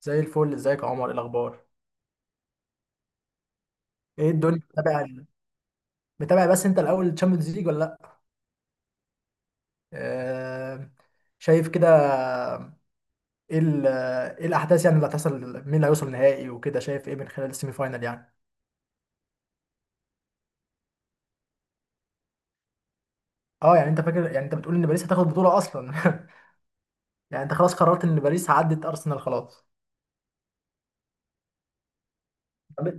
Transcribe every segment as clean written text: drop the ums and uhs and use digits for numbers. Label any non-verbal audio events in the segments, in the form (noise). زي الفل. ازيك يا عمر؟ إيه الاخبار؟ ايه الدنيا؟ متابع متابع؟ بس انت الاول، تشامبيونز ليج ولا لا؟ آه... شايف كده. ايه ايه الاحداث يعني اللي هتحصل؟ مين اللي هيوصل نهائي وكده؟ شايف ايه من خلال السيمي فاينال يعني؟ اه، يعني انت فاكر، يعني انت بتقول ان باريس هتاخد بطولة اصلا؟ (laughs) يعني انت خلاص قررت ان باريس عدت ارسنال خلاص. طب،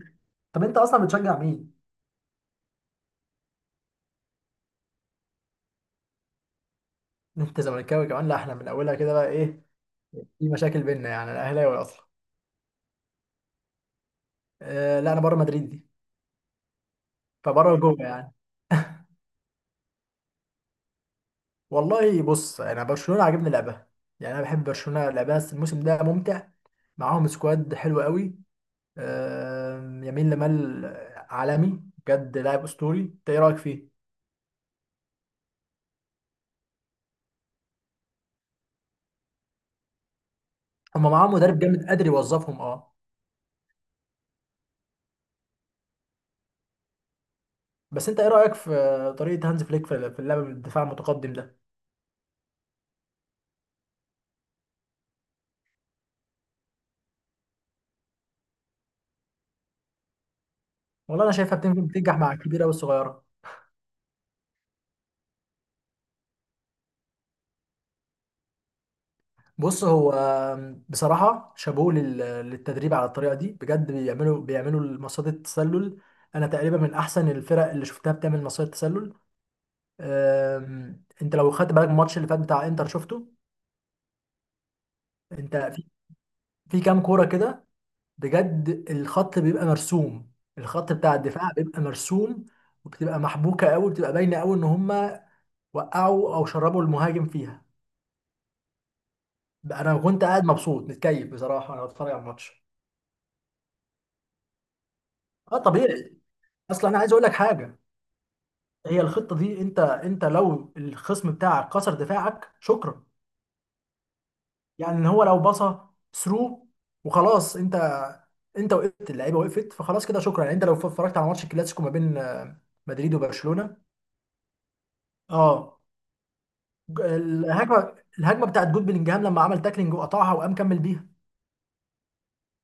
طب انت اصلا بتشجع مين؟ انت زملكاوي كمان؟ لا، احنا من اولها كده بقى ايه، في مشاكل بينا، يعني انا اهلاوي اصلا. لا انا بره مدريد دي. فبره وجوه يعني. والله بص انا برشلونه عاجبني لعبها. يعني انا بحب برشلونه لعبها، بس الموسم ده ممتع. معاهم سكواد حلو قوي. يمين لمال عالمي بجد، لاعب اسطوري. انت ايه رايك فيه؟ هم معاهم مدرب جامد قادر يوظفهم، اه. بس انت ايه رايك في طريقه هانز فليك في اللعب بالدفاع المتقدم ده؟ والله انا شايفها بتنجح، بتنجح مع الكبيره والصغيره. بص هو بصراحه شابوه للتدريب على الطريقه دي بجد. بيعملوا مصيده التسلل. انا تقريبا من احسن الفرق اللي شفتها بتعمل مصيدة تسلل. انت لو خدت بالك من الماتش اللي فات بتاع انتر، شفته؟ انت في كام كوره كده بجد الخط بيبقى مرسوم، الخط بتاع الدفاع بيبقى مرسوم، وبتبقى محبوكه قوي، بتبقى باينه قوي ان هم وقعوا او شربوا المهاجم فيها. بقى انا كنت قاعد مبسوط متكيف بصراحه وانا بتفرج على الماتش. اه طبيعي. اصلا انا عايز اقول لك حاجه، هي الخطه دي، انت لو الخصم بتاعك كسر دفاعك شكرا. يعني ان هو لو باصه ثرو وخلاص، انت، انت وقفت اللعيبه وقفت، فخلاص كده شكرا. يعني انت لو اتفرجت على ماتش الكلاسيكو ما بين مدريد وبرشلونه، اه، الهجمه، الهجمه بتاعت جود بلينجهام لما عمل تاكلينج وقطعها وقام كمل بيها،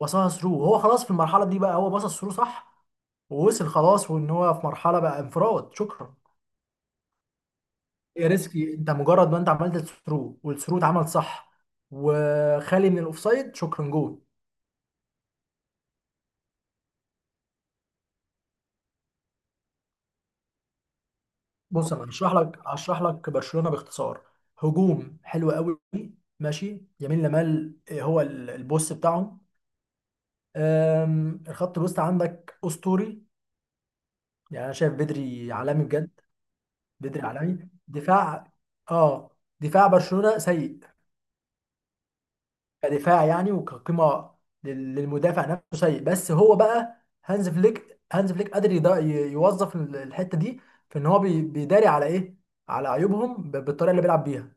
باصها ثرو، وهو خلاص في المرحله دي بقى، هو باص الثرو صح، ووصل خلاص وان هو في مرحله بقى انفراد شكرا. يا ريسكي! انت مجرد ما انت عملت الثرو والثرو اتعمل صح وخالي من الاوفسايد شكرا جول. بص انا هشرح لك برشلونه باختصار. هجوم حلو قوي، ماشي يمين لمال، هو البوس بتاعهم. الخط الوسط عندك اسطوري، يعني انا شايف بدري عالمي بجد. بدري عالمي. دفاع، اه، دفاع برشلونه سيء، كدفاع يعني، وكقيمه للمدافع نفسه سيء. بس هو بقى هانز فليك، هانز فليك قادر يوظف الحته دي، في ان هو بيداري على ايه، على عيوبهم بالطريقه اللي بيلعب بيها.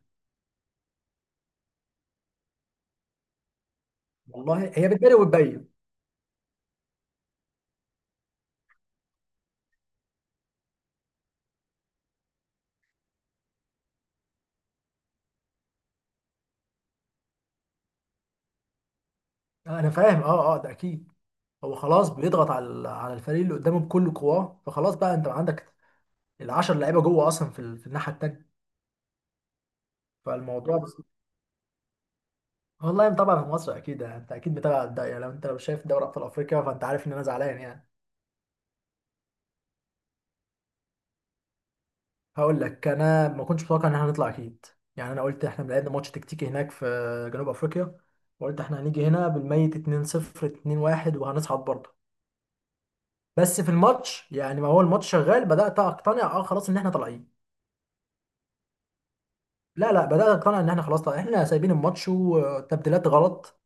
والله هي بتبان وبتبين. انا فاهم، اه اه، ده اكيد. هو خلاص بيضغط على على الفريق اللي قدامه بكل قواه، فخلاص بقى انت عندك العشر لعيبه جوه اصلا في، في الناحيه التانيه. فالموضوع بس. والله طبعا في مصر اكيد يعني، انت اكيد متابع الدوري، لو انت لو شايف دوري ابطال افريقيا فانت عارف ان انا زعلان يعني. هقول لك، انا ما كنتش متوقع ان احنا هنطلع اكيد. يعني انا قلت احنا لعبنا ماتش تكتيكي هناك في جنوب افريقيا، وقلت احنا هنيجي هنا بالميت 2-0 2-1 وهنصعد برضه. بس في الماتش يعني، ما هو الماتش شغال بدأت اقتنع، اه خلاص ان احنا طالعين. لا لا بدأت اقتنع ان احنا خلاص طالعين، احنا سايبين الماتش وتبديلات غلط.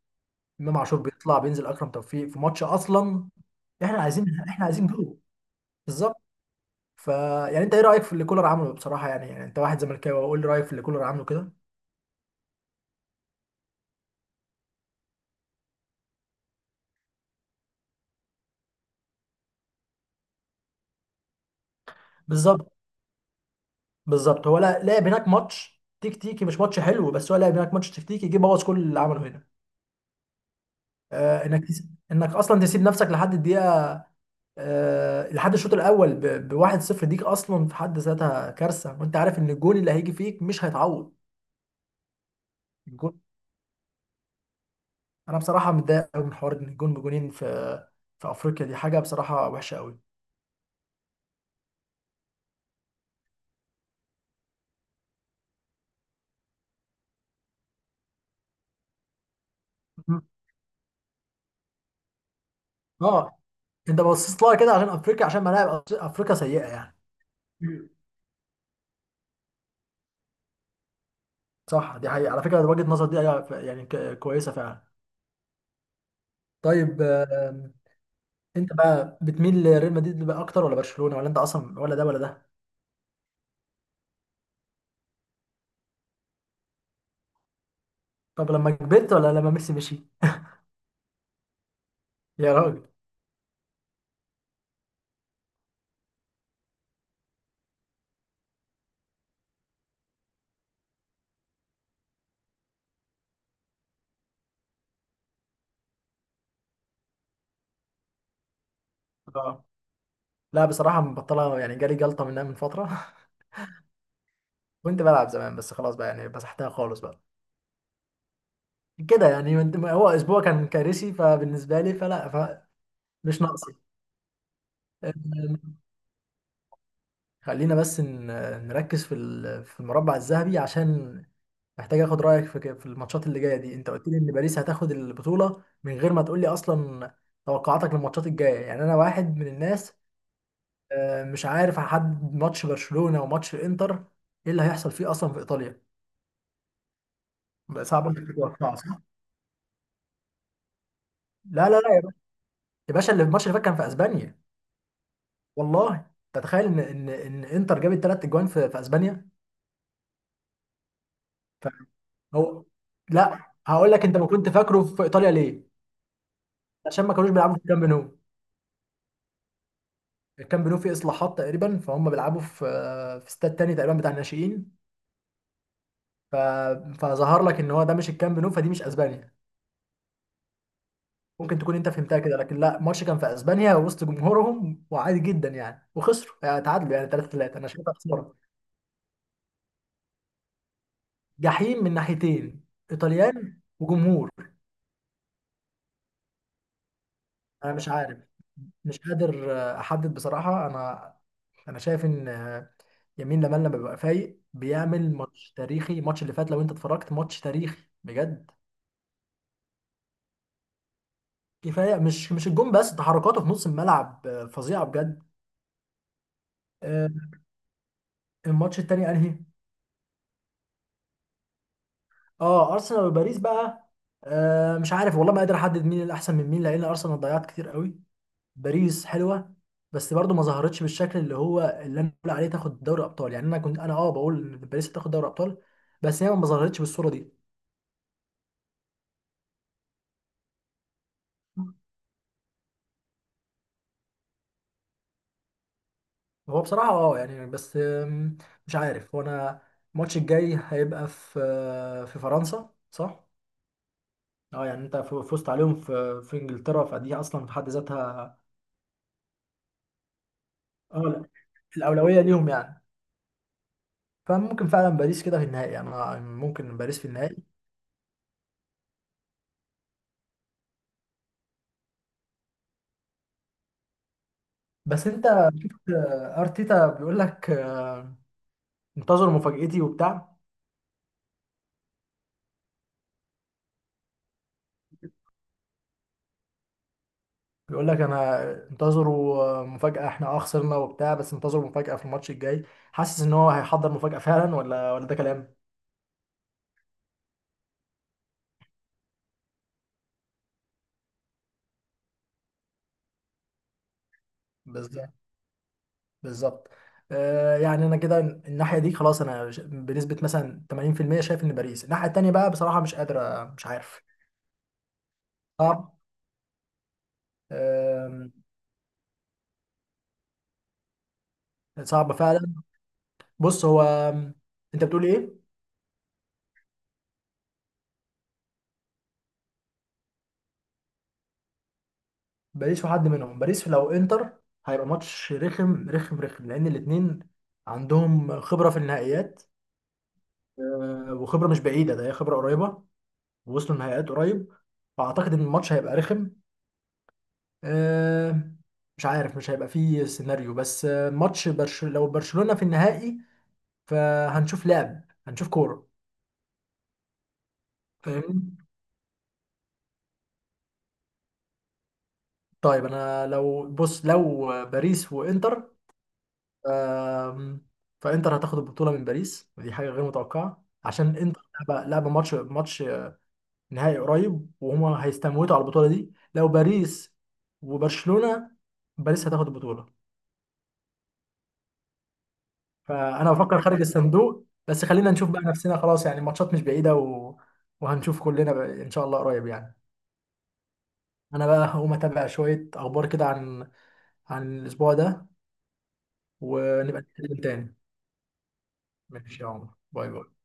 امام عاشور بيطلع بينزل اكرم توفيق في ماتش اصلا! احنا عايزين، احنا عايزين جول. بالظبط. ف، يعني انت ايه رأيك في اللي كولر عمله بصراحة؟ يعني، يعني انت واحد زملكاوي، قول لي رأيك في اللي كولر عمله كده. بالظبط، بالظبط. هو لا لعب هناك ماتش تكتيكي مش ماتش حلو، بس هو لعب هناك ماتش تكتيكي، جه بوظ كل اللي عمله هنا. انك، انك اصلا تسيب نفسك لحد الدقيقة، لحد الشوط الاول بواحد صفر ديك اصلا في حد ذاتها كارثه، وانت عارف ان الجون اللي هيجي فيك مش هيتعوض. الجون، انا بصراحه متضايق قوي من حوار ان الجون بجونين في افريقيا، دي حاجه بصراحه وحشه قوي. مم. اه انت بصيت لها كده عشان افريقيا، عشان ملاعب افريقيا سيئه يعني. مم. صح، دي حقيقه على فكره، وجهه نظر دي أيوة، يعني كويسه فعلا. طيب، انت بقى بتميل لريال مدريد بقى اكتر ولا برشلونه، ولا انت اصلا ولا ده ولا ده؟ طب لما كبرت ولا لما ميسي مشي؟ يا راجل! لا بصراحة مبطلة، يعني جالي جلطة منها من فترة. (laughs) كنت بلعب زمان، بس خلاص بقى، يعني مسحتها خالص بقى. كده يعني هو أسبوع كان كارثي، فبالنسبة لي، فلا، فمش ناقصي. آمم، خلينا بس نركز في في المربع الذهبي، عشان محتاج اخد رأيك في الماتشات اللي جاية دي. انت قلت لي ان باريس هتاخد البطولة من غير ما تقول لي اصلا توقعاتك للماتشات الجاية يعني. انا واحد من الناس، مش عارف، هحدد ماتش برشلونة وماتش الانتر، ايه اللي هيحصل فيه اصلا في ايطاليا؟ بقى صعب انك تتوقع صح؟ لا لا لا يا باشا، يا باشا، اللي الماتش اللي فات كان في اسبانيا. والله انت تتخيل ان ان انتر جابت ثلاث اجوان في اسبانيا؟ فهو، لا هقول لك انت ما كنت فاكره في ايطاليا ليه؟ عشان ما كانوش بيلعبوا في الكامب نو. الكامب نو فيه اصلاحات تقريبا، فهم بيلعبوا في استاد تاني تقريبا بتاع الناشئين. ف... فظهر لك ان هو ده مش الكامب نو، فدي مش اسبانيا، ممكن تكون انت فهمتها كده، لكن لا، الماتش كان في اسبانيا وسط جمهورهم، وعادي جدا يعني. وخسروا، يعني تعادلوا، يعني 3-3، انا شايفها خساره. جحيم من ناحيتين، ايطاليان وجمهور. انا مش عارف، مش قادر احدد بصراحه. انا، انا شايف ان يمين لمال لما بيبقى فايق بيعمل ماتش تاريخي. الماتش اللي فات لو انت اتفرجت ماتش تاريخي بجد. كفايه مش الجون بس، تحركاته في نص الملعب فظيعه بجد. آه، الماتش التاني انهي؟ اه ارسنال وباريس بقى. مش عارف والله، ما قادر احدد مين الاحسن من مين، لان ارسنال ضيعت كتير قوي. باريس حلوه، بس برضو ما ظهرتش بالشكل اللي هو اللي انا بقول عليه تاخد دوري ابطال. يعني انا كنت، انا اه بقول ان باريس تاخد دوري ابطال، بس هي ما ظهرتش بالصوره دي. هو بصراحه اه يعني، بس مش عارف هو انا. الماتش الجاي هيبقى في في فرنسا صح؟ اه يعني انت فزت عليهم في انجلترا، فدي اصلا في حد ذاتها، اه لا، الاولويه ليهم يعني. فممكن فعلا باريس كده في النهائي، يعني أنا ممكن باريس في النهائي. بس انت شفت ارتيتا بيقول لك انتظروا مفاجأتي وبتاع، بيقول لك انا انتظروا مفاجأة، احنا اه خسرنا وبتاع، بس انتظروا مفاجأة في الماتش الجاي. حاسس ان هو هيحضر مفاجأة فعلا ولا ده كلام؟ بالظبط، بالظبط. آه يعني انا كده الناحية دي خلاص، انا بنسبة مثلا 80% شايف ان باريس. الناحية التانية بقى بصراحة مش قادر، مش عارف. صعب. آه، صعب فعلا. بص هو، انت بتقول ايه؟ باريس وحد منهم، باريس لو انتر، هيبقى ماتش رخم رخم رخم، لان الاتنين عندهم خبرة في النهائيات، وخبرة مش بعيدة، ده هي خبرة قريبة، ووصلوا النهائيات قريب. فاعتقد ان الماتش هيبقى رخم. آه، مش عارف مش هيبقى فيه سيناريو، بس ماتش لو برشلونة في النهائي فهنشوف لعب، هنشوف كورة. فاهمني. طيب انا لو بص لو باريس وانتر، آم، فانتر هتاخد البطوله من باريس، ودي حاجه غير متوقعه عشان انتر لعبه ماتش نهائي قريب وهما هيستموتوا على البطوله دي. لو باريس وبرشلونه، باريس هتاخد البطوله. فانا بفكر خارج الصندوق، بس خلينا نشوف بقى نفسنا، خلاص يعني الماتشات مش بعيده وهنشوف كلنا بقى ان شاء الله قريب يعني. انا بقى هقوم اتابع شويه اخبار كده عن عن الاسبوع ده، ونبقى نتكلم تاني. ماشي يا عمر، باي باي.